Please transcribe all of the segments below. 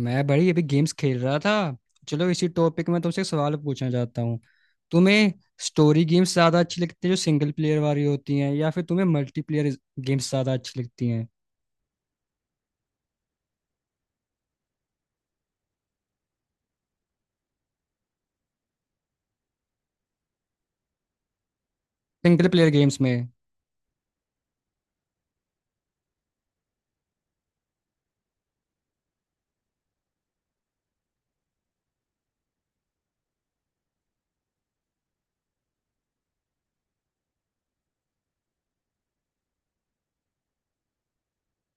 मैं बड़ी अभी गेम्स खेल रहा था। चलो इसी टॉपिक में तुमसे एक सवाल पूछना चाहता हूँ। तुम्हें स्टोरी गेम्स ज़्यादा अच्छी लगती है जो सिंगल प्लेयर वाली होती हैं या फिर तुम्हें मल्टीप्लेयर गेम्स ज़्यादा अच्छी लगती हैं? सिंगल प्लेयर गेम्स में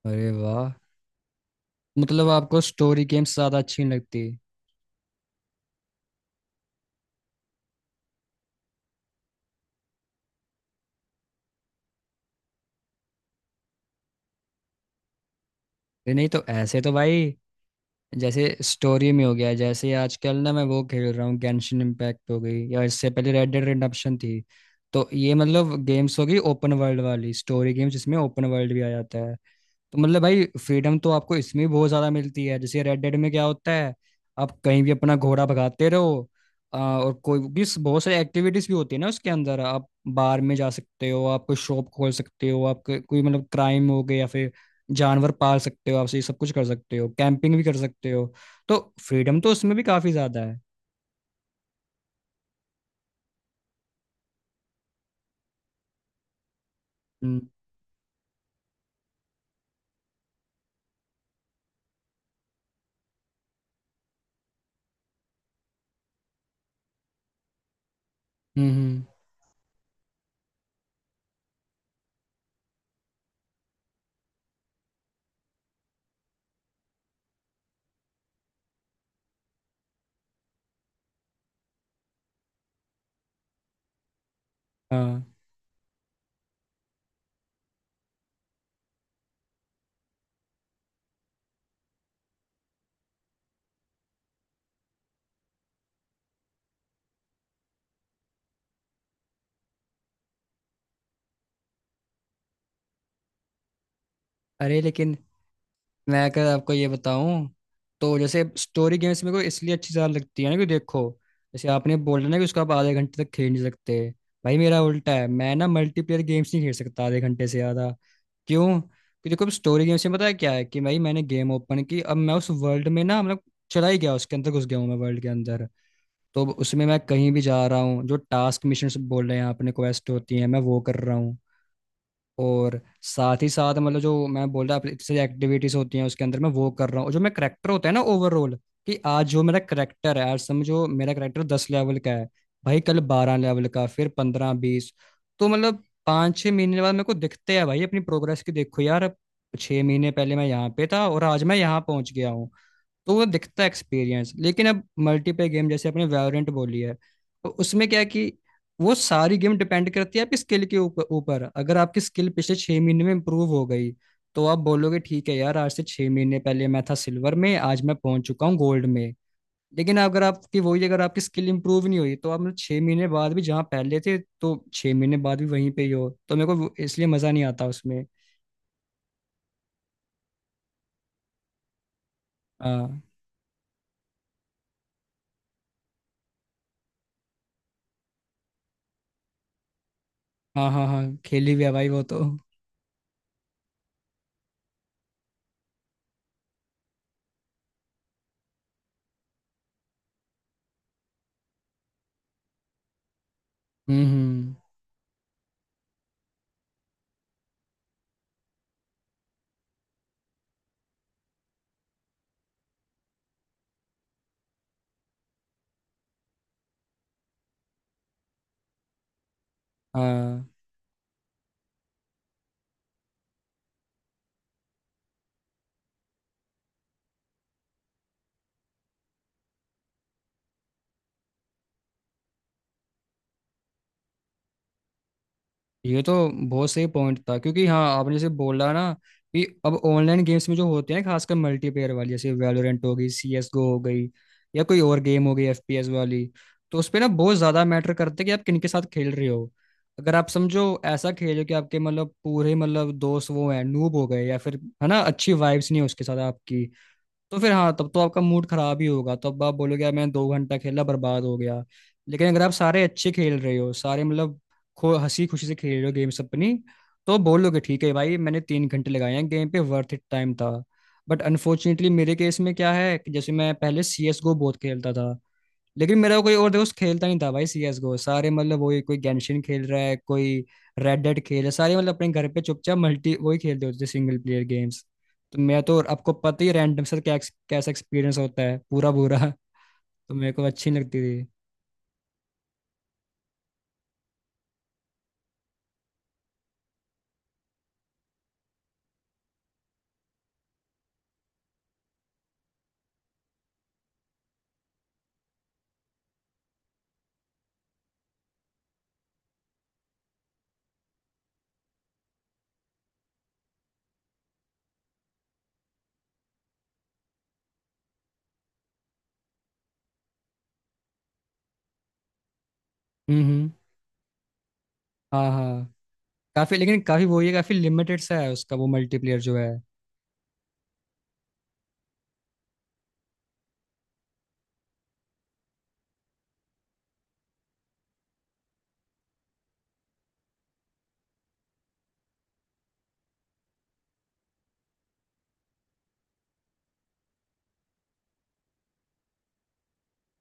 अरे वाह, मतलब आपको स्टोरी गेम्स ज़्यादा अच्छी नहीं लगती? अरे नहीं तो ऐसे तो भाई, जैसे स्टोरी में हो गया, जैसे आजकल ना मैं वो खेल रहा हूँ गेंशिन इम्पैक्ट हो गई, या इससे पहले रेड डेड रिडेम्पशन थी। तो ये मतलब गेम्स हो गई ओपन वर्ल्ड वाली स्टोरी गेम्स जिसमें ओपन वर्ल्ड भी आ जाता है। तो मतलब भाई फ्रीडम तो आपको इसमें भी बहुत ज्यादा मिलती है। जैसे रेड डेड में क्या होता है, आप कहीं भी अपना घोड़ा भगाते रहो। और कोई भी बहुत सारी एक्टिविटीज भी होती है ना उसके अंदर। आप बार में जा सकते हो, आप कोई शॉप खोल सकते हो, आप कोई कोई मतलब क्राइम हो गया या फिर जानवर पाल सकते हो, आप ये सब कुछ कर सकते हो, कैंपिंग भी कर सकते हो। तो फ्रीडम तो उसमें भी काफी ज्यादा है। हम्म। हम्म। हम्म। हाँ। अरे लेकिन मैं अगर आपको ये बताऊं, तो जैसे स्टोरी गेम्स मेरे को इसलिए अच्छी ज्यादा लगती है ना कि देखो जैसे आपने बोला ना कि उसको आप आधे घंटे तक खेल नहीं सकते। भाई मेरा उल्टा है, मैं ना मल्टीप्लेयर गेम्स नहीं खेल सकता आधे घंटे से ज़्यादा। क्यों? क्योंकि देखो, स्टोरी गेम्स में पता है क्या है कि भाई मैंने गेम ओपन की, अब मैं उस वर्ल्ड में ना मतलब चला ही गया, उसके अंदर घुस गया हूँ मैं, वर्ल्ड के अंदर। तो उसमें मैं कहीं भी जा रहा हूँ, जो टास्क मिशन बोल रहे हैं आपने, क्वेस्ट होती है, मैं वो कर रहा हूँ। और साथ ही साथ मतलब जो मैं बोल रहा हूँ से एक्टिविटीज होती हैं उसके अंदर, मैं वो कर रहा हूँ। और जो मेरा करेक्टर होता है ना ओवरऑल, कि आज जो मेरा करेक्टर है, आज समझो मेरा करेक्टर 10 लेवल का है, भाई कल 12 लेवल का, फिर 15 20। तो मतलब 5-6 महीने बाद मेरे को दिखते हैं भाई अपनी प्रोग्रेस की, देखो यार 6 महीने पहले मैं यहाँ पे था और आज मैं यहाँ पहुँच गया हूँ। तो वो दिखता है एक्सपीरियंस। लेकिन अब मल्टीप्लेयर गेम जैसे अपने वेरिएंट बोली है, तो उसमें क्या है कि वो सारी गेम डिपेंड करती है आपकी स्किल के ऊपर ऊपर। अगर आपकी स्किल पिछले 6 महीने में इंप्रूव हो गई, तो आप बोलोगे ठीक है यार, आज से 6 महीने पहले मैं था सिल्वर में, आज मैं पहुंच चुका हूँ गोल्ड में। लेकिन अगर आपकी स्किल इंप्रूव नहीं हुई तो आप मतलब 6 महीने बाद भी जहाँ पहले थे, तो 6 महीने बाद भी वहीं पे ही हो। तो मेरे को इसलिए मजा नहीं आता उसमें। हाँ हाँ। हाँ हाँ खेली हुई है भाई वो तो। हम्म। हाँ, ये तो बहुत सही पॉइंट था, क्योंकि हाँ आपने जैसे बोला ना कि अब ऑनलाइन गेम्स में जो होते हैं, खासकर मल्टीप्लेयर वाली, जैसे वैलोरेंट हो गई, CS GO हो गई, या कोई और गेम हो गई FPS वाली। तो उस पे ना बहुत ज़्यादा मैटर करते हैं कि आप किन के साथ खेल रहे हो। अगर आप समझो ऐसा खेलो कि आपके मतलब पूरे मतलब दोस्त वो हैं नूब हो गए, या फिर है ना अच्छी वाइब्स नहीं है उसके साथ आपकी, तो फिर हाँ तब तो आपका मूड खराब ही होगा। तो अब आप बोलोगे यार मैंने 2 घंटा खेला, बर्बाद हो गया। लेकिन अगर आप सारे अच्छे खेल रहे हो, सारे मतलब खो हंसी खुशी से खेल रहे हो गेम्स अपनी, तो बोलोगे ठीक है भाई मैंने 3 घंटे लगाए हैं गेम पे, वर्थ इट टाइम था। बट अनफॉर्चुनेटली मेरे केस में क्या है कि जैसे मैं पहले CS GO बहुत खेलता था, लेकिन मेरा कोई और दोस्त खेलता नहीं था भाई सीएस गो, सारे मतलब वही कोई गेंशिन खेल रहा है, कोई रेड डेड खेल रहा है, सारे मतलब अपने घर पे चुपचाप मल्टी वही खेलते होते थे सिंगल प्लेयर गेम्स। तो मैं तो आपको पता ही रैंडम से क्या कैसा एक्सपीरियंस होता है, पूरा बुरा। तो मेरे को अच्छी नहीं लगती थी। हम्म। हाँ हाँ। काफी लेकिन काफी वो ये काफी लिमिटेड सा है उसका वो मल्टीप्लेयर जो है।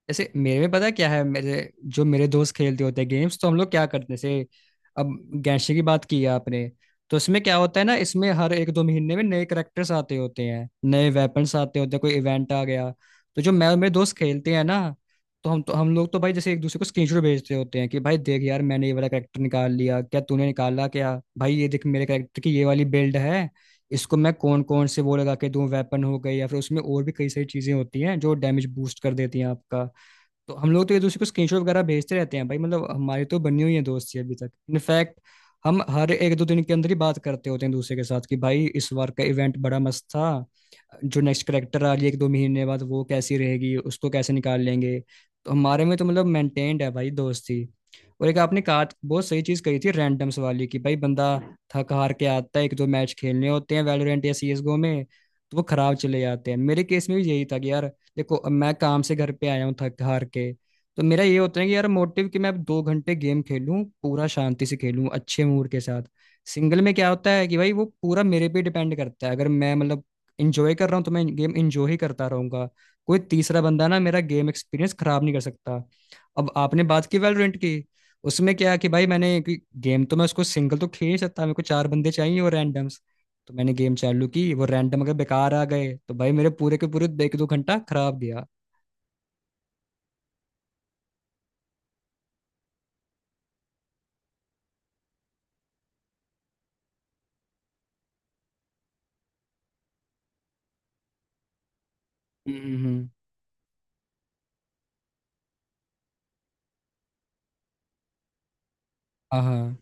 जैसे मेरे में पता है क्या है, मेरे जो मेरे दोस्त खेलते होते हैं गेम्स, तो हम लोग क्या करते हैं, जैसे अब गैंशे की बात की है आपने, तो इसमें क्या होता है ना, इसमें हर 1-2 महीने में नए करेक्टर्स आते होते हैं, नए वेपन्स आते होते हैं, कोई इवेंट आ गया। तो जो मैं और मेरे दोस्त खेलते हैं ना, हम लोग तो भाई जैसे एक दूसरे को स्क्रीनशॉट भेजते होते हैं कि भाई देख यार मैंने ये वाला करेक्टर निकाल लिया, क्या तूने निकाला, क्या भाई ये देख मेरे करेक्टर की ये वाली बिल्ड है, इसको मैं कौन कौन से वो लगा के दूं वेपन हो गई, या फिर उसमें और भी कई सारी चीजें होती हैं जो डैमेज बूस्ट कर देती हैं आपका। तो हम लोग तो एक दूसरे को स्क्रीनशॉट वगैरह भेजते रहते हैं भाई। मतलब हमारी तो बनी हुई है दोस्ती अभी तक। इनफैक्ट हम हर 1-2 दिन के अंदर ही बात करते होते हैं दूसरे के साथ, कि भाई इस बार का इवेंट बड़ा मस्त था, जो नेक्स्ट करेक्टर आ रही है 1-2 महीने बाद वो कैसी रहेगी, उसको कैसे निकाल लेंगे। तो हमारे में तो मतलब मेंटेन्ड है भाई दोस्ती। और एक आपने कहा बहुत सही चीज कही थी रैंडम्स वाली, कि भाई बंदा थक हार के आता है, 1-2 मैच खेलने होते हैं वैलोरेंट या CSGO में, तो वो खराब चले जाते हैं। मेरे केस में भी यही था कि यार देखो अब मैं काम से घर पे आया हूँ थक हार के, तो मेरा ये होता है कि यार मोटिव कि मैं अब 2 घंटे गेम खेलूं पूरा, शांति से खेलूं अच्छे मूड के साथ। सिंगल में क्या होता है कि भाई वो पूरा मेरे पे डिपेंड करता है, अगर मैं मतलब इंजॉय कर रहा हूँ तो मैं गेम इंजॉय ही करता रहूंगा, कोई तीसरा बंदा ना मेरा गेम एक्सपीरियंस खराब नहीं कर सकता। अब आपने बात की वैलोरेंट की, उसमें क्या है कि भाई मैंने गेम, तो मैं उसको सिंगल तो खेल ही सकता, मेरे को 4 बंदे चाहिए और रैंडम। तो मैंने गेम चालू की, वो रैंडम अगर बेकार आ गए तो भाई मेरे पूरे के पूरे 1-2 घंटा खराब गया। हम्म। हाँ हाँ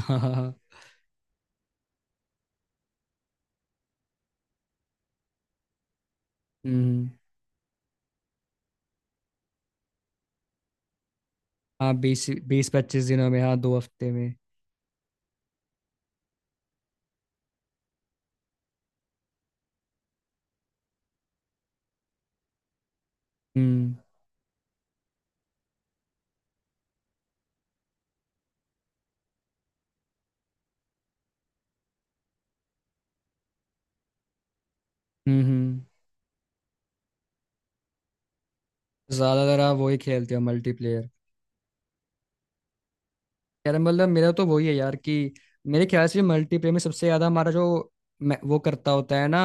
हाँ। हाँ हाँ। हम्म। हाँ 20-20-25 दिनों में, हाँ 2 हफ्ते में। हम्म हम्म। ज्यादातर आप वही खेलते हो मल्टीप्लेयर? यार मतलब मेरा तो वही है यार कि मेरे ख्याल से मल्टीप्लेयर में सबसे ज्यादा हमारा जो वो करता होता है ना,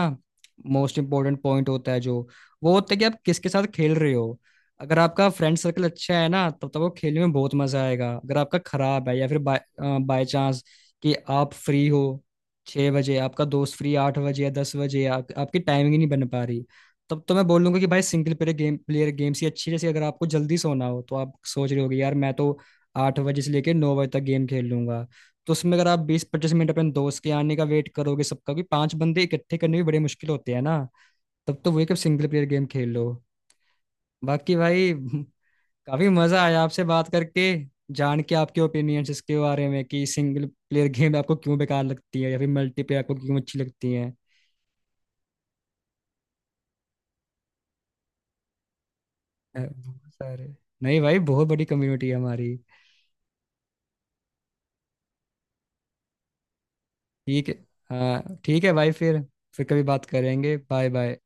मोस्ट इम्पोर्टेंट पॉइंट होता है जो, वो होता है कि आप किसके साथ खेल रहे हो। अगर आपका फ्रेंड सर्कल अच्छा है ना तब तक वो खेलने में बहुत मजा आएगा। अगर आपका खराब है या फिर बाय बाय चांस कि आप फ्री हो 6 बजे, आपका दोस्त फ्री 8 बजे या 10 बजे, आप, आपकी टाइमिंग ही नहीं बन पा रही, तब तो मैं बोलूंगा कि भाई single player game player games ही अच्छी है। जैसे अगर आपको जल्दी सोना हो तो आप सोच रहे होगे यार मैं तो 8 बजे से लेके 9 बजे तक गेम खेल लूंगा, तो उसमें अगर आप 20-25 मिनट अपने दोस्त के आने का वेट करोगे, सबका भी 5 बंदे इकट्ठे करने भी बड़े मुश्किल होते हैं ना, तब तो वही कब सिंगल प्लेयर गेम खेल लो। बाकी भाई काफी मजा आया आपसे बात करके, जान के आपके ओपिनियंस इसके बारे में कि सिंगल प्लेयर गेम आपको क्यों बेकार लगती है या फिर मल्टीप्लेयर आपको क्यों अच्छी लगती है। बहुत सारे, नहीं भाई बहुत बड़ी कम्युनिटी है हमारी। ठीक है। हाँ ठीक है भाई, फिर कभी बात करेंगे। Bye bye.